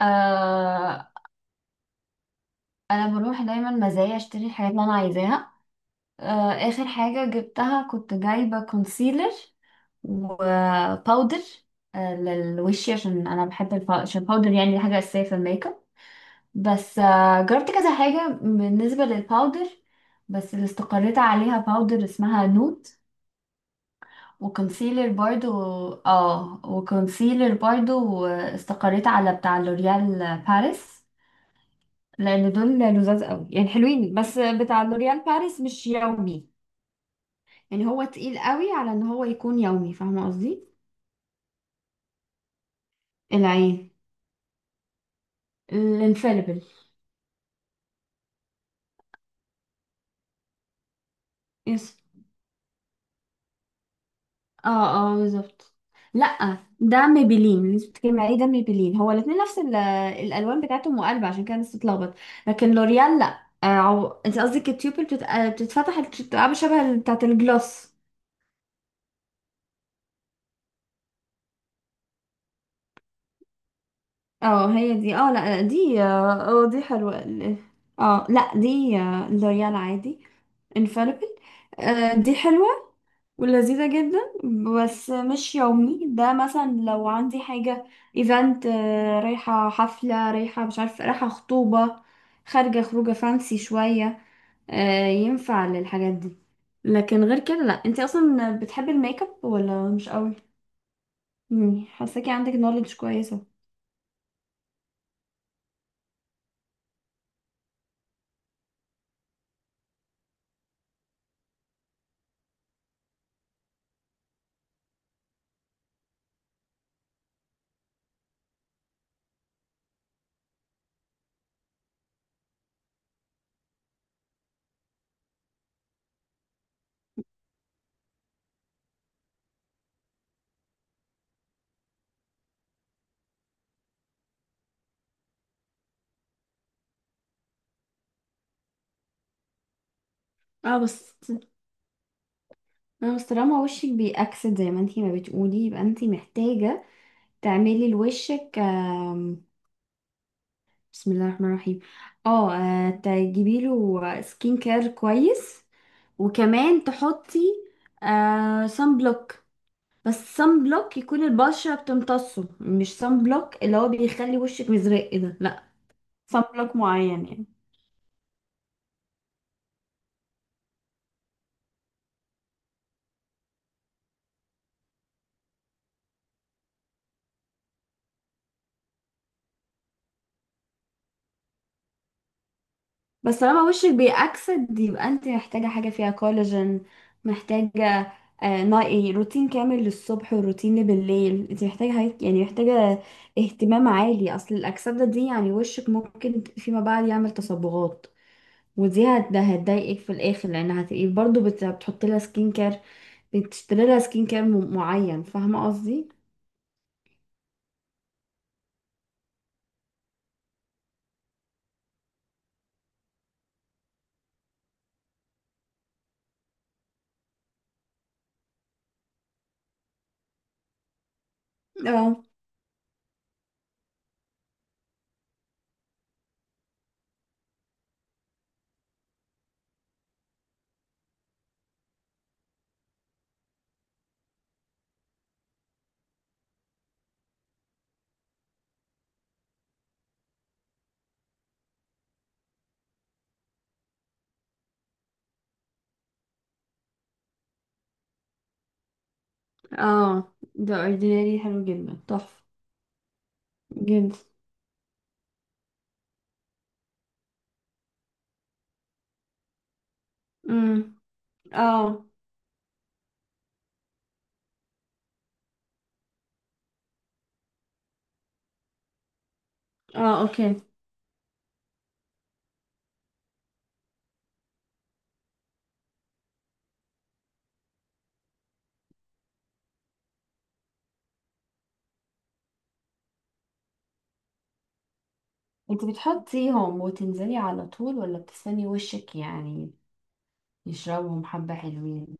آه انا بروح دايما مزايا، اشتري الحاجات اللي انا عايزاها. اخر حاجه جبتها كنت جايبه كونسيلر وباودر للوش، عشان انا بحب عشان الباودر، يعني دي حاجه اساسيه في الميك اب. بس جربت كذا حاجه بالنسبه للباودر، بس اللي استقريت عليها باودر اسمها نوت، وكونسيلر برضو. اه، وكونسيلر برضو استقريت على بتاع لوريال باريس، لان دول لذاذ قوي يعني حلوين. بس بتاع لوريال باريس مش يومي، يعني هو تقيل قوي على ان هو يكون يومي، فاهمه قصدي؟ العين الانفاليبل. يس. اه، اه، بالظبط. لا، ده ميبيلين اللي انت بتتكلمي عليه، ده ميبيلين هو الاثنين نفس الالوان بتاعتهم مقلبه، عشان كده الناس تتلخبط. لكن لوريال لا، انت قصدك التيوبل بتتفتح، بتبقى شبه بتاعت الجلوس. اه، هي دي. اه، لا دي. اه، دي حلوه. اه، لا دي لوريال عادي. infallible. آه، دي حلوة ولذيذة جدا. بس مش يومي. ده مثلا لو عندي حاجة ايفنت، رايحة حفلة، رايحة مش عارفة، رايحة خطوبة، خارجة خروجة فانسي شوية، آه، ينفع للحاجات دي. لكن غير كده لا. انتي اصلا بتحبي الميك اب ولا مش قوي؟ مم، حاساكي عندك نولج كويسة. اه بس، اه بس طالما وشك بيأكسد زي ما انتي ما بتقولي، يبقى انتي محتاجة تعملي لوشك بسم الله الرحمن الرحيم، اه، تجيبي له سكين كير كويس، وكمان تحطي آه سان بلوك. بس سان بلوك يكون البشرة بتمتصه، مش سان بلوك اللي هو بيخلي وشك مزرق ده لا، سان بلوك معين يعني. بس طالما وشك بيأكسد يبقى انت محتاجة حاجة فيها كولاجين، محتاجة آه نوع- إيه، روتين كامل للصبح وروتين بالليل. انت محتاجة يعني محتاجة اهتمام عالي، اصل الأكسدة دي يعني وشك ممكن فيما بعد يعمل تصبغات، ده هتضايقك في الاخر، لان هتبقي برضه بتحطي لها سكين كير، بتشتري لها سكين كير معين، فاهمة قصدي؟ اه. اه، ده اورديناري حلو جدا، تحفة جدا. امم. اه. اه، اوكي. انت بتحطيهم وتنزلي على طول ولا بتستني وشك يعني يشربهم حبة؟ حلوين.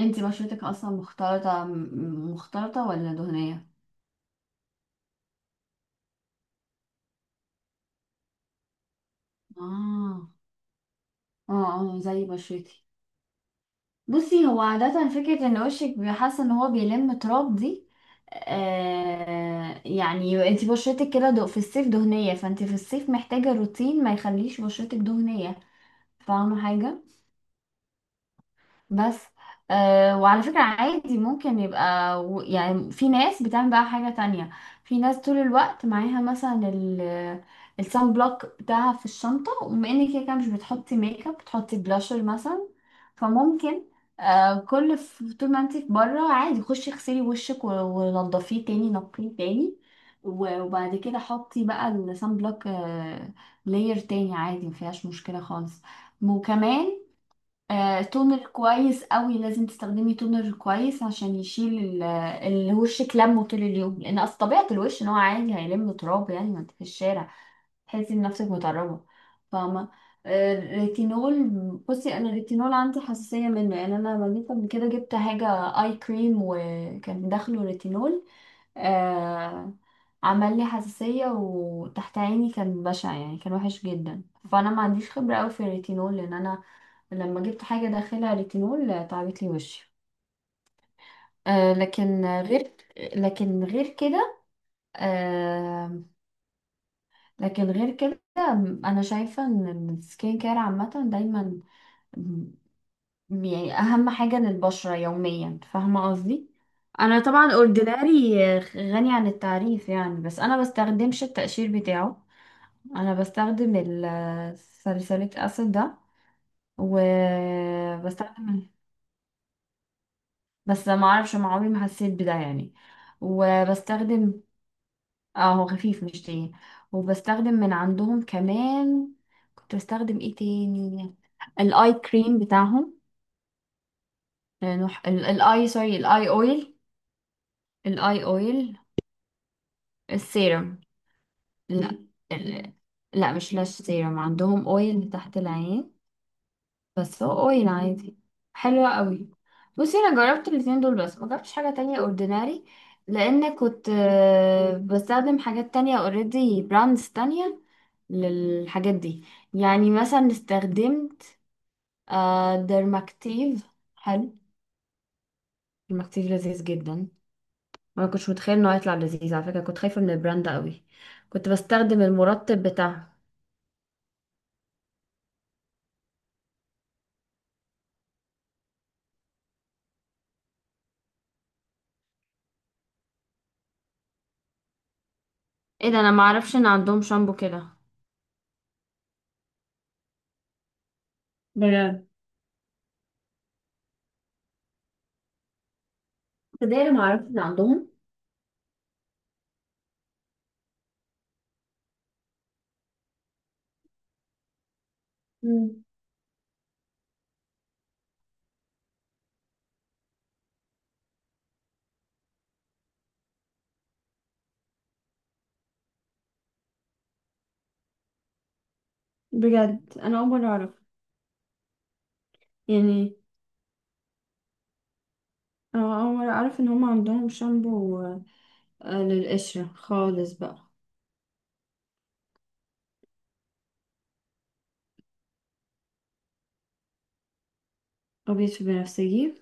انت بشرتك اصلا مختلطة، مختلطة ولا دهنية؟ اه. اه اه، زي بشرتي. بصي، هو عادة فكرة ان وشك حاسة ان هو بيلم تراب دي، آه، يعني انت بشرتك كده في الصيف دهنية، فانت في الصيف محتاجة روتين ما يخليش بشرتك دهنية، فاهمة حاجة؟ بس آه، وعلى فكرة عادي ممكن يبقى يعني في ناس بتعمل بقى حاجة تانية. في ناس طول الوقت معاها مثلا ال السان بلوك بتاعها في الشنطة، وبما انك كده كده مش بتحطي ميك اب، بتحطي بلاشر مثلا، فممكن آه كل طول ما انتي بره عادي خشي اغسلي وشك ونضفيه تاني، نقيه تاني، وبعد كده حطي بقى السان بلوك آه لاير تاني عادي، مفيهاش مشكلة خالص. وكمان آه، تونر كويس قوي، لازم تستخدمي تونر كويس عشان يشيل الوش كلامه طول اليوم، لان اصل طبيعه الوش ان هو عادي هيلم تراب، يعني ما انت في الشارع تحسي بنفسك متربه، فاهمه؟ آه، الريتينول، بصي انا الريتينول عندي حساسيه منه، يعني انا لما جيت قبل كده جبت حاجه اي كريم وكان داخله ريتينول، آه، عمل لي حساسيه، وتحت عيني كان بشع يعني، كان وحش جدا. فانا ما عنديش خبره قوي في الريتينول، لان انا لما جبت حاجة داخلها ريتينول آه، تعبت لي وشي. آه، لكن غير، لكن غير كده آه، لكن غير كده أنا شايفة إن السكين كير عامة دايما م- يعني أهم حاجة للبشرة يوميا، فاهمة قصدي؟ أنا طبعا اورديناري غني عن التعريف يعني، بس أنا بستخدمش التقشير بتاعه، أنا بستخدم الساليسيليك أسيد ده، وبستخدم، بس ما اعرفش، ما عمري ما حسيت بده يعني. وبستخدم، اه هو خفيف مش تاني. وبستخدم من عندهم كمان، كنت بستخدم ايه تاني؟ الاي كريم بتاعهم، لأنه الاي سوري الاي اويل. الاي اويل السيرم. لا، ال- لا مش لاش سيرم، عندهم اويل تحت العين، بس هو اويل عادي، حلوة قوي. بصي انا جربت الاتنين دول بس، ما جربتش حاجة تانية اورديناري، لان كنت آه، بستخدم حاجات تانية، اوريدي براندز تانية للحاجات دي. يعني مثلا استخدمت آه، ديرماكتيف، حلو. ديرماكتيف لذيذ جدا، ما كنتش متخيل انه هيطلع لذيذ، على فكرة كنت خايفة من البراند ده قوي. كنت بستخدم المرطب بتاعهم. ايه ده، انا ما اعرفش ان عندهم شامبو كده. بجد؟ ده ما اعرفش ان عندهم. مم. بجد انا اول مرة اعرف، يعني انا اول مرة اعرف ان هم عندهم شامبو آه، للقشرة خالص بقى. ابيض في بنفسجي.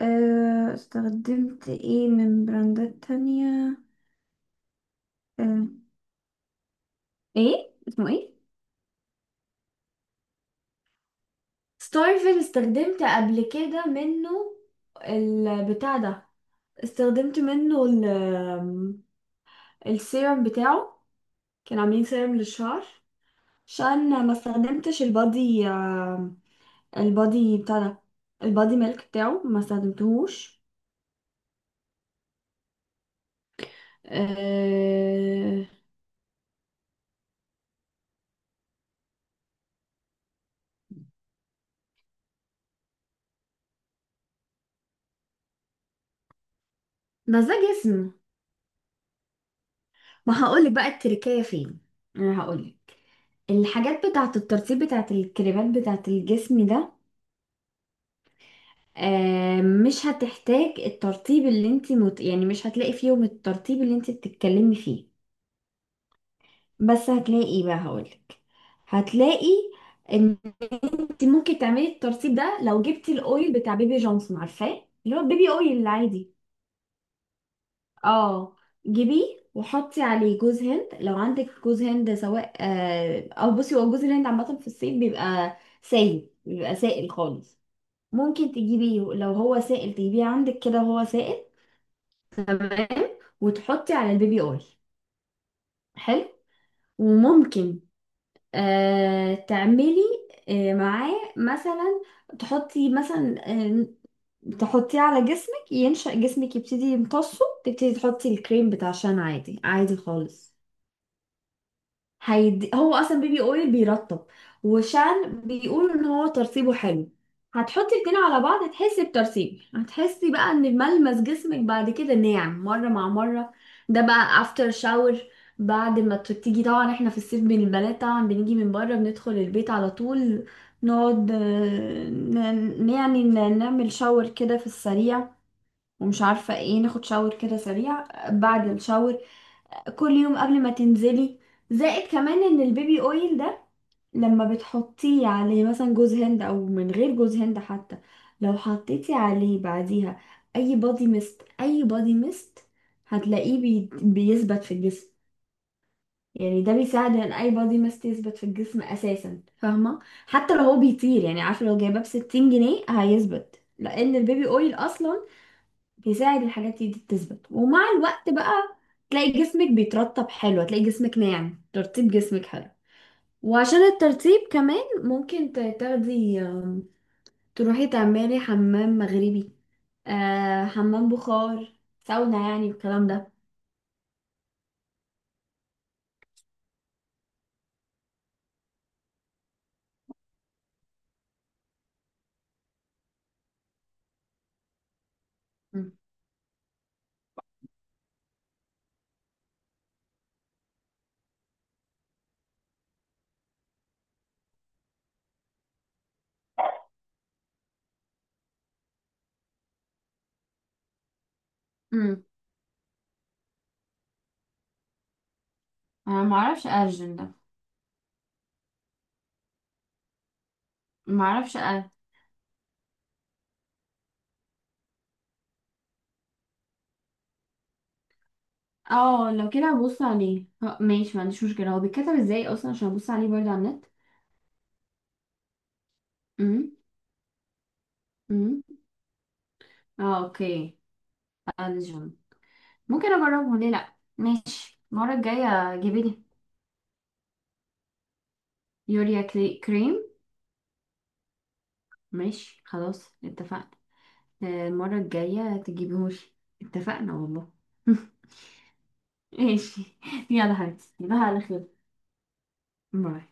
آه، استخدمت ايه من براندات تانية؟ آه، ايه اسمه ايه؟ ستارفل استخدمت قبل كده منه، البتاع ده. استخدمت منه السيرم بتاعه، كان عاملين سيرم للشعر، عشان ما استخدمتش البادي، البادي بتاع ده، البادي ميلك بتاعه ما استخدمتهوش. أه... بس ده جسم. ما هقولك بقى التركية فين، انا هقولك. الحاجات بتاعة الترطيب بتاعة الكريمات بتاعة الجسم ده مش هتحتاج الترطيب اللي انت يعني مش هتلاقي فيهم الترطيب اللي انت بتتكلمي فيه. بس هتلاقي ايه بقى، هقولك، هتلاقي ان انت ممكن تعملي الترطيب ده لو جبتي الاويل بتاع بيبي جونسون، عارفاه، اللي هو بيبي اويل العادي. اه، جيبيه وحطي عليه جوز هند لو عندك جوز هند، سواء آه، او بصي هو جوز الهند عامه في الصيف بيبقى سايل، بيبقى سائل خالص. ممكن تجيبيه لو هو سائل، تجيبيه عندك كده وهو سائل. تمام. وتحطي على البيبي اويل، حلو. وممكن آه تعملي آه معاه مثلا، تحطي مثلا آه تحطيه على جسمك، ينشأ جسمك يبتدي يمتصه، تبتدي تحطي الكريم بتاع شان عادي، عادي خالص، هيدي هو اصلا بيبي اويل بيرطب، وشان بيقولوا ان هو ترطيبه حلو. هتحطي الاتنين على بعض هتحسي بترطيب، هتحسي بقى ان ملمس جسمك بعد كده ناعم مره مع مره. ده بقى افتر شاور، بعد ما تيجي طبعا، احنا في الصيف بين البنات طبعا بنيجي من بره، بندخل البيت على طول، نقعد آه، نعمل شاور كده في السريع، ومش عارفه ايه، ناخد شاور كده سريع. بعد الشاور كل يوم قبل ما تنزلي، زائد كمان ان البيبي اويل ده لما بتحطيه عليه مثلا جوز هند او من غير جوز هند حتى، لو حطيتي عليه بعديها اي بادي ميست، اي بادي ميست هتلاقيه بيثبت في الجسم. يعني ده بيساعد ان اي بادي ميست يثبت في الجسم اساسا، فاهمه؟ حتى لو هو بيطير يعني، عارفه لو جايباه ب 60 جنيه هيثبت، لان البيبي اويل اصلا بيساعد الحاجات دي دي تثبت. ومع الوقت بقى تلاقي جسمك بيترطب حلو، هتلاقي جسمك ناعم، ترطيب جسمك حلو. وعشان الترطيب كمان ممكن تاخدي آم، تروحي تعملي حمام مغربي، آه، حمام بخار، ساونا، يعني الكلام ده. مم. مم. انا ما اعرفش ارجن ده، ما اعرفش اه لو كده هبص عليه، آه، ماشي ما عنديش مشكله، هو بيتكتب ازاي اصلا عشان ابص عليه برضه على النت. امم. امم. اه، اوكي. ارجن، ممكن اجربه، ليه لا، ماشي المره الجايه جيبي لي. يوريا كريم. ماشي خلاص، اتفقنا. آه، المره الجايه تجيبهوش. اتفقنا والله. ماشي. يلا حبيبتي تصبحي على خير. باي.